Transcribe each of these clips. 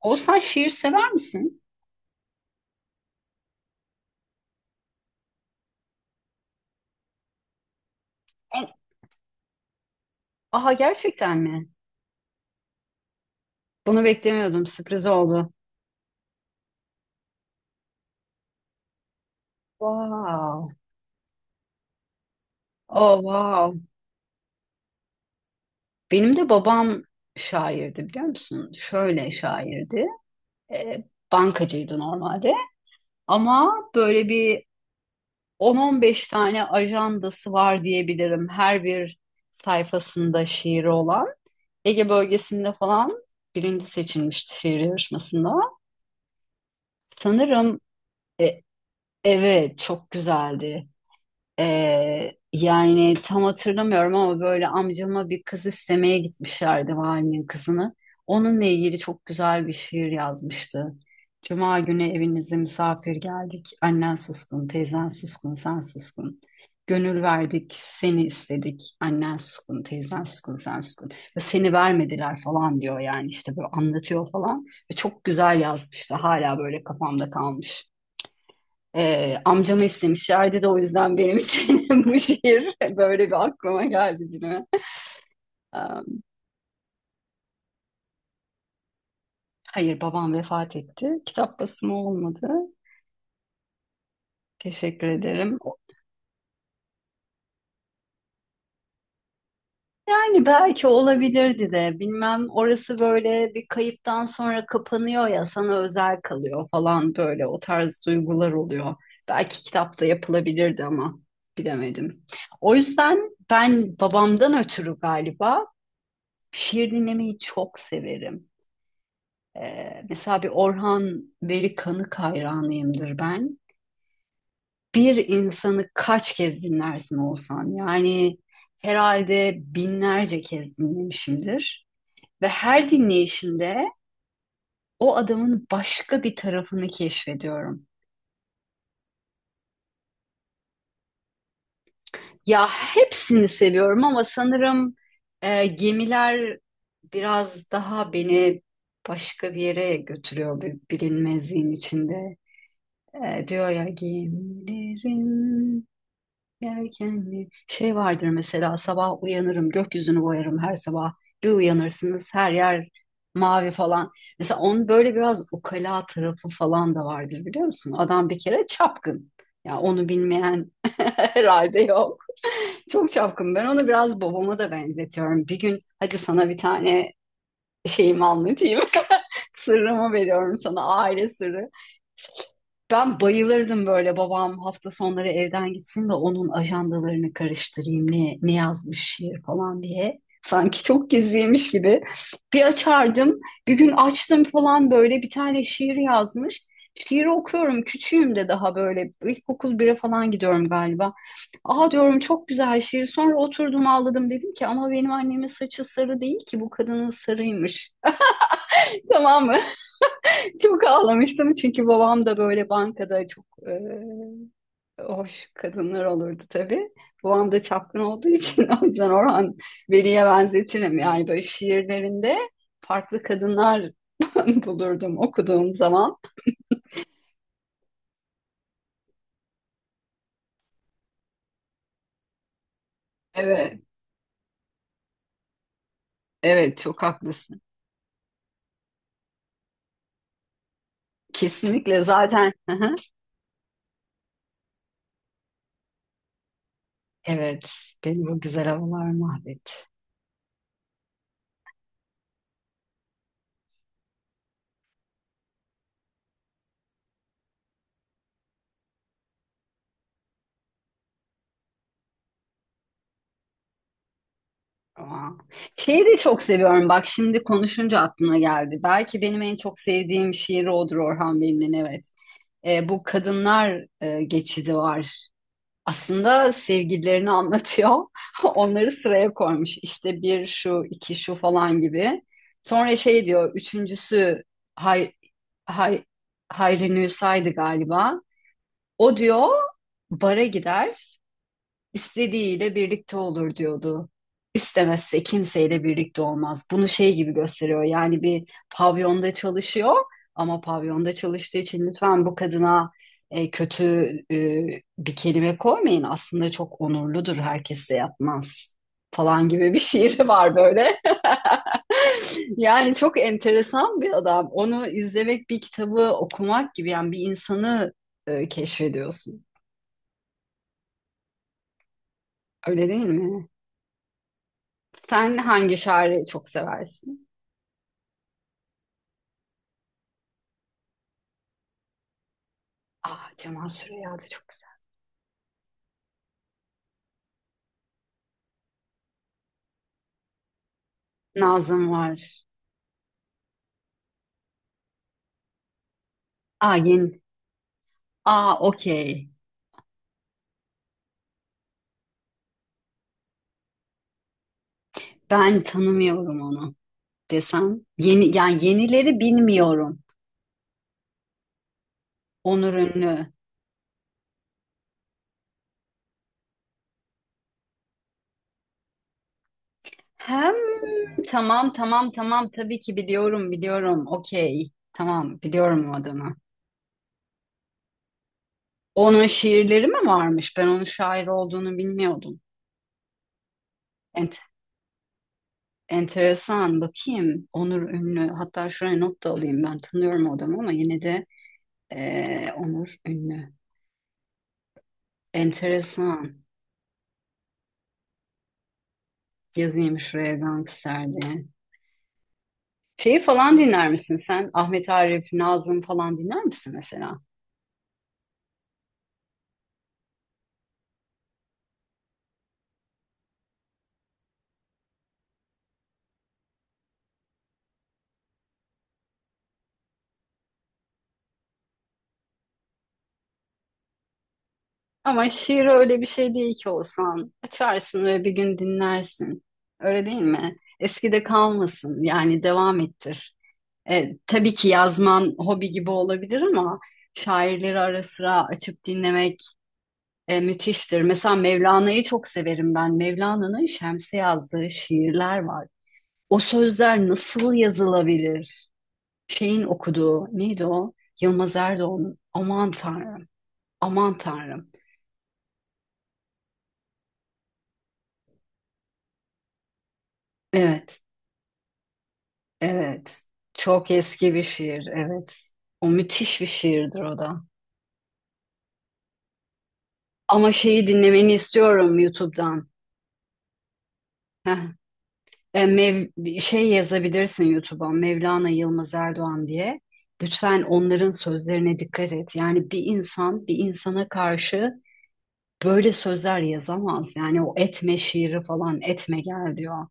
Oğuzhan şiir sever misin? Evet. Aha gerçekten mi? Bunu beklemiyordum. Sürpriz oldu. Wow. Oh wow. Benim de babam şairdi biliyor musun? Şöyle şairdi. Ee, Bankacıydı normalde. Ama böyle bir 10-15 tane ajandası var diyebilirim. Her bir sayfasında şiiri olan. Ege bölgesinde falan birinci seçilmişti şiir yarışmasında. Sanırım e, evet çok güzeldi. Yani tam hatırlamıyorum ama böyle amcama bir kız istemeye gitmişlerdi valinin kızını. Onunla ilgili çok güzel bir şiir yazmıştı. Cuma günü evinize misafir geldik. Annen suskun, teyzen suskun, sen suskun. Gönül verdik, seni istedik. Annen suskun, teyzen suskun, sen suskun. Ve seni vermediler falan diyor yani işte böyle anlatıyor falan. Ve çok güzel yazmıştı. Hala böyle kafamda kalmış. Amcam istemişlerdi de o yüzden benim için bu şiir böyle bir aklıma geldi dilime. Ee, hayır, babam vefat etti. Kitap basımı olmadı. Teşekkür ederim. Yani belki olabilirdi de bilmem, orası böyle bir kayıptan sonra kapanıyor ya, sana özel kalıyor falan, böyle o tarz duygular oluyor. Belki kitapta yapılabilirdi ama bilemedim. O yüzden ben babamdan ötürü galiba şiir dinlemeyi çok severim. Mesela bir Orhan Veli Kanık hayranıyımdır ben. Bir insanı kaç kez dinlersin Oğuzhan? Yani herhalde binlerce kez dinlemişimdir. Ve her dinleyişimde o adamın başka bir tarafını keşfediyorum. Ya hepsini seviyorum ama sanırım gemiler biraz daha beni başka bir yere götürüyor, bir bilinmezliğin içinde. Diyor ya gemilerin. Erkenli şey vardır mesela, sabah uyanırım gökyüzünü boyarım her sabah, bir uyanırsınız her yer mavi falan. Mesela onun böyle biraz ukala tarafı falan da vardır biliyor musun? Adam bir kere çapkın. Ya onu bilmeyen herhalde yok. Çok çapkın. Ben onu biraz babama da benzetiyorum. Bir gün hadi sana bir tane şeyimi anlatayım. Sırrımı veriyorum sana, aile sırrı. Ben bayılırdım böyle, babam hafta sonları evden gitsin de onun ajandalarını karıştırayım ne yazmış şiir falan diye. Sanki çok gizliymiş gibi. Bir açardım, bir gün açtım falan, böyle bir tane şiir yazmış. Şiiri okuyorum, küçüğüm de daha, böyle ilkokul bire falan gidiyorum galiba. Aha diyorum, çok güzel şiir. Sonra oturdum ağladım, dedim ki ama benim annemin saçı sarı değil ki, bu kadının sarıymış. Tamam mı? Çok ağlamıştım, çünkü babam da böyle bankada çok hoş kadınlar olurdu tabii. Babam da çapkın olduğu için o yüzden Orhan Veli'ye benzetirim. Yani böyle şiirlerinde farklı kadınlar bulurdum okuduğum zaman. Evet, evet çok haklısın. Kesinlikle zaten. Hı hı. Evet, benim bu güzel havalar mahvetti. Aa. Şeyi de çok seviyorum. Bak, şimdi konuşunca aklıma geldi. Belki benim en çok sevdiğim şiir odur, Orhan Veli'nin. Evet. Bu kadınlar geçidi var. Aslında sevgililerini anlatıyor. Onları sıraya koymuş. İşte bir şu, iki şu falan gibi. Sonra şey diyor, üçüncüsü Hay, Hay, Hayri Nusa'ydı galiba. O diyor bara gider, istediğiyle birlikte olur diyordu. İstemezse kimseyle birlikte olmaz. Bunu şey gibi gösteriyor. Yani bir pavyonda çalışıyor, ama pavyonda çalıştığı için lütfen bu kadına kötü e, bir kelime koymayın. Aslında çok onurludur. Herkesle yapmaz falan gibi bir şiiri var böyle. Yani çok enteresan bir adam. Onu izlemek bir kitabı okumak gibi, yani bir insanı keşfediyorsun. Öyle değil mi? Sen hangi şairi çok seversin? Aa, Cemal Süreya da çok güzel. Nazım var. Aa, yeni. Aa, okey. Ben tanımıyorum onu desem. Yeni, yani yenileri bilmiyorum. Onur Ünlü. Hem tamam, tamam, tamam, tabii ki biliyorum, biliyorum. Okey. Tamam, biliyorum o adamı. Onun şiirleri mi varmış? Ben onun şair olduğunu bilmiyordum. Ent Enteresan. Bakayım. Onur Ünlü. Hatta şuraya not da alayım. Ben tanıyorum o adamı ama yine de Onur Ünlü. Enteresan. Yazayım şuraya gangster diye. Şeyi falan dinler misin sen? Ahmet Arif, Nazım falan dinler misin mesela? Ama şiir öyle bir şey değil ki olsan. Açarsın ve bir gün dinlersin. Öyle değil mi? Eskide kalmasın. Yani devam ettir. Tabii ki yazman hobi gibi olabilir, ama şairleri ara sıra açıp dinlemek müthiştir. Mesela Mevlana'yı çok severim ben. Mevlana'nın Şems'e yazdığı şiirler var. O sözler nasıl yazılabilir? Şeyin okuduğu neydi o? Yılmaz Erdoğan'ın. Aman Tanrım. Aman Tanrım. Evet, evet. Çok eski bir şiir, evet. O müthiş bir şiirdir o da. Ama şeyi dinlemeni istiyorum YouTube'dan. Heh. Şey yazabilirsin YouTube'a, Mevlana Yılmaz Erdoğan diye. Lütfen onların sözlerine dikkat et. Yani bir insan bir insana karşı böyle sözler yazamaz. Yani o etme şiiri falan, etme gel diyor.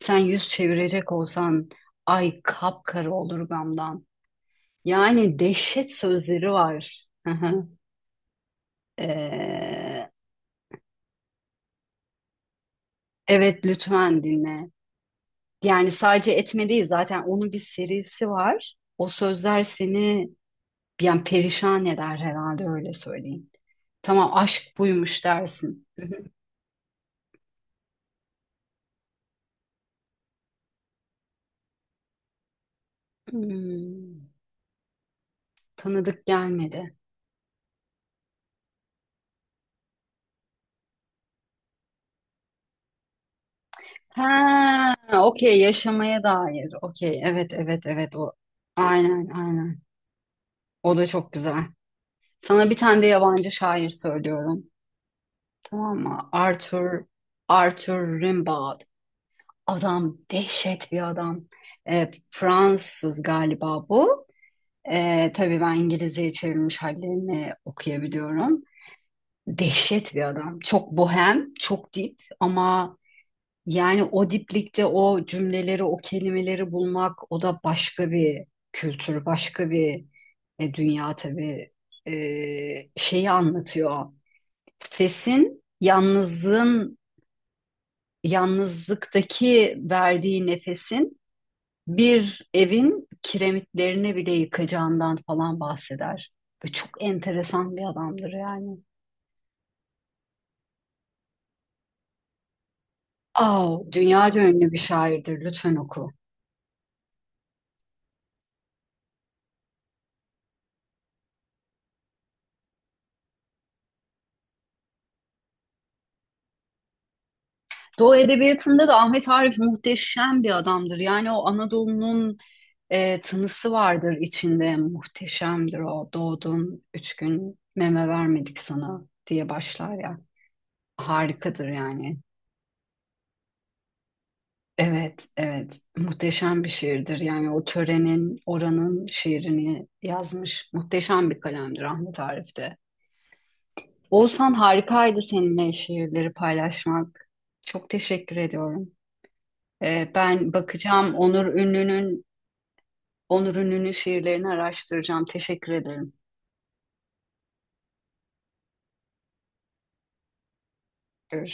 Sen yüz çevirecek olsan ay kapkara olur gamdan. Yani dehşet sözleri var. Hı hı. Ee, evet, lütfen dinle. Yani sadece etme değil, zaten onun bir serisi var. O sözler seni yani perişan eder herhalde, öyle söyleyeyim. Tamam, aşk buymuş dersin. Hı hı. Hmm, Tanıdık gelmedi. Ha, okey, yaşamaya dair. Okey, evet, evet, evet, o. Aynen, aynen. O da çok güzel. Sana bir tane de yabancı şair söylüyorum. Tamam mı? Arthur Rimbaud. Adam dehşet bir adam. Fransız galiba bu. Tabii ben İngilizceye çevrilmiş hallerini okuyabiliyorum. Dehşet bir adam. Çok bohem, çok dip, ama yani o diplikte o cümleleri, o kelimeleri bulmak, o da başka bir kültür, başka bir dünya tabii. E, Şeyi anlatıyor. Sesin, yalnızlığın, yalnızlıktaki verdiği nefesin bir evin kiremitlerini bile yıkacağından falan bahseder. Ve çok enteresan bir adamdır yani. Aa, dünyaca ünlü bir şairdir. Lütfen oku. Doğu Edebiyatı'nda da Ahmet Arif muhteşem bir adamdır. Yani o Anadolu'nun tınısı vardır içinde. Muhteşemdir o. Doğdun 3 gün meme vermedik sana diye başlar ya. Harikadır yani. Evet, evet. Muhteşem bir şiirdir. Yani o törenin, oranın şiirini yazmış. Muhteşem bir kalemdir Ahmet Arif de. Oğuzhan, harikaydı seninle şiirleri paylaşmak. Çok teşekkür ediyorum. Ben bakacağım, Onur'un ünlü şiirlerini araştıracağım. Teşekkür ederim. Görüşürüz.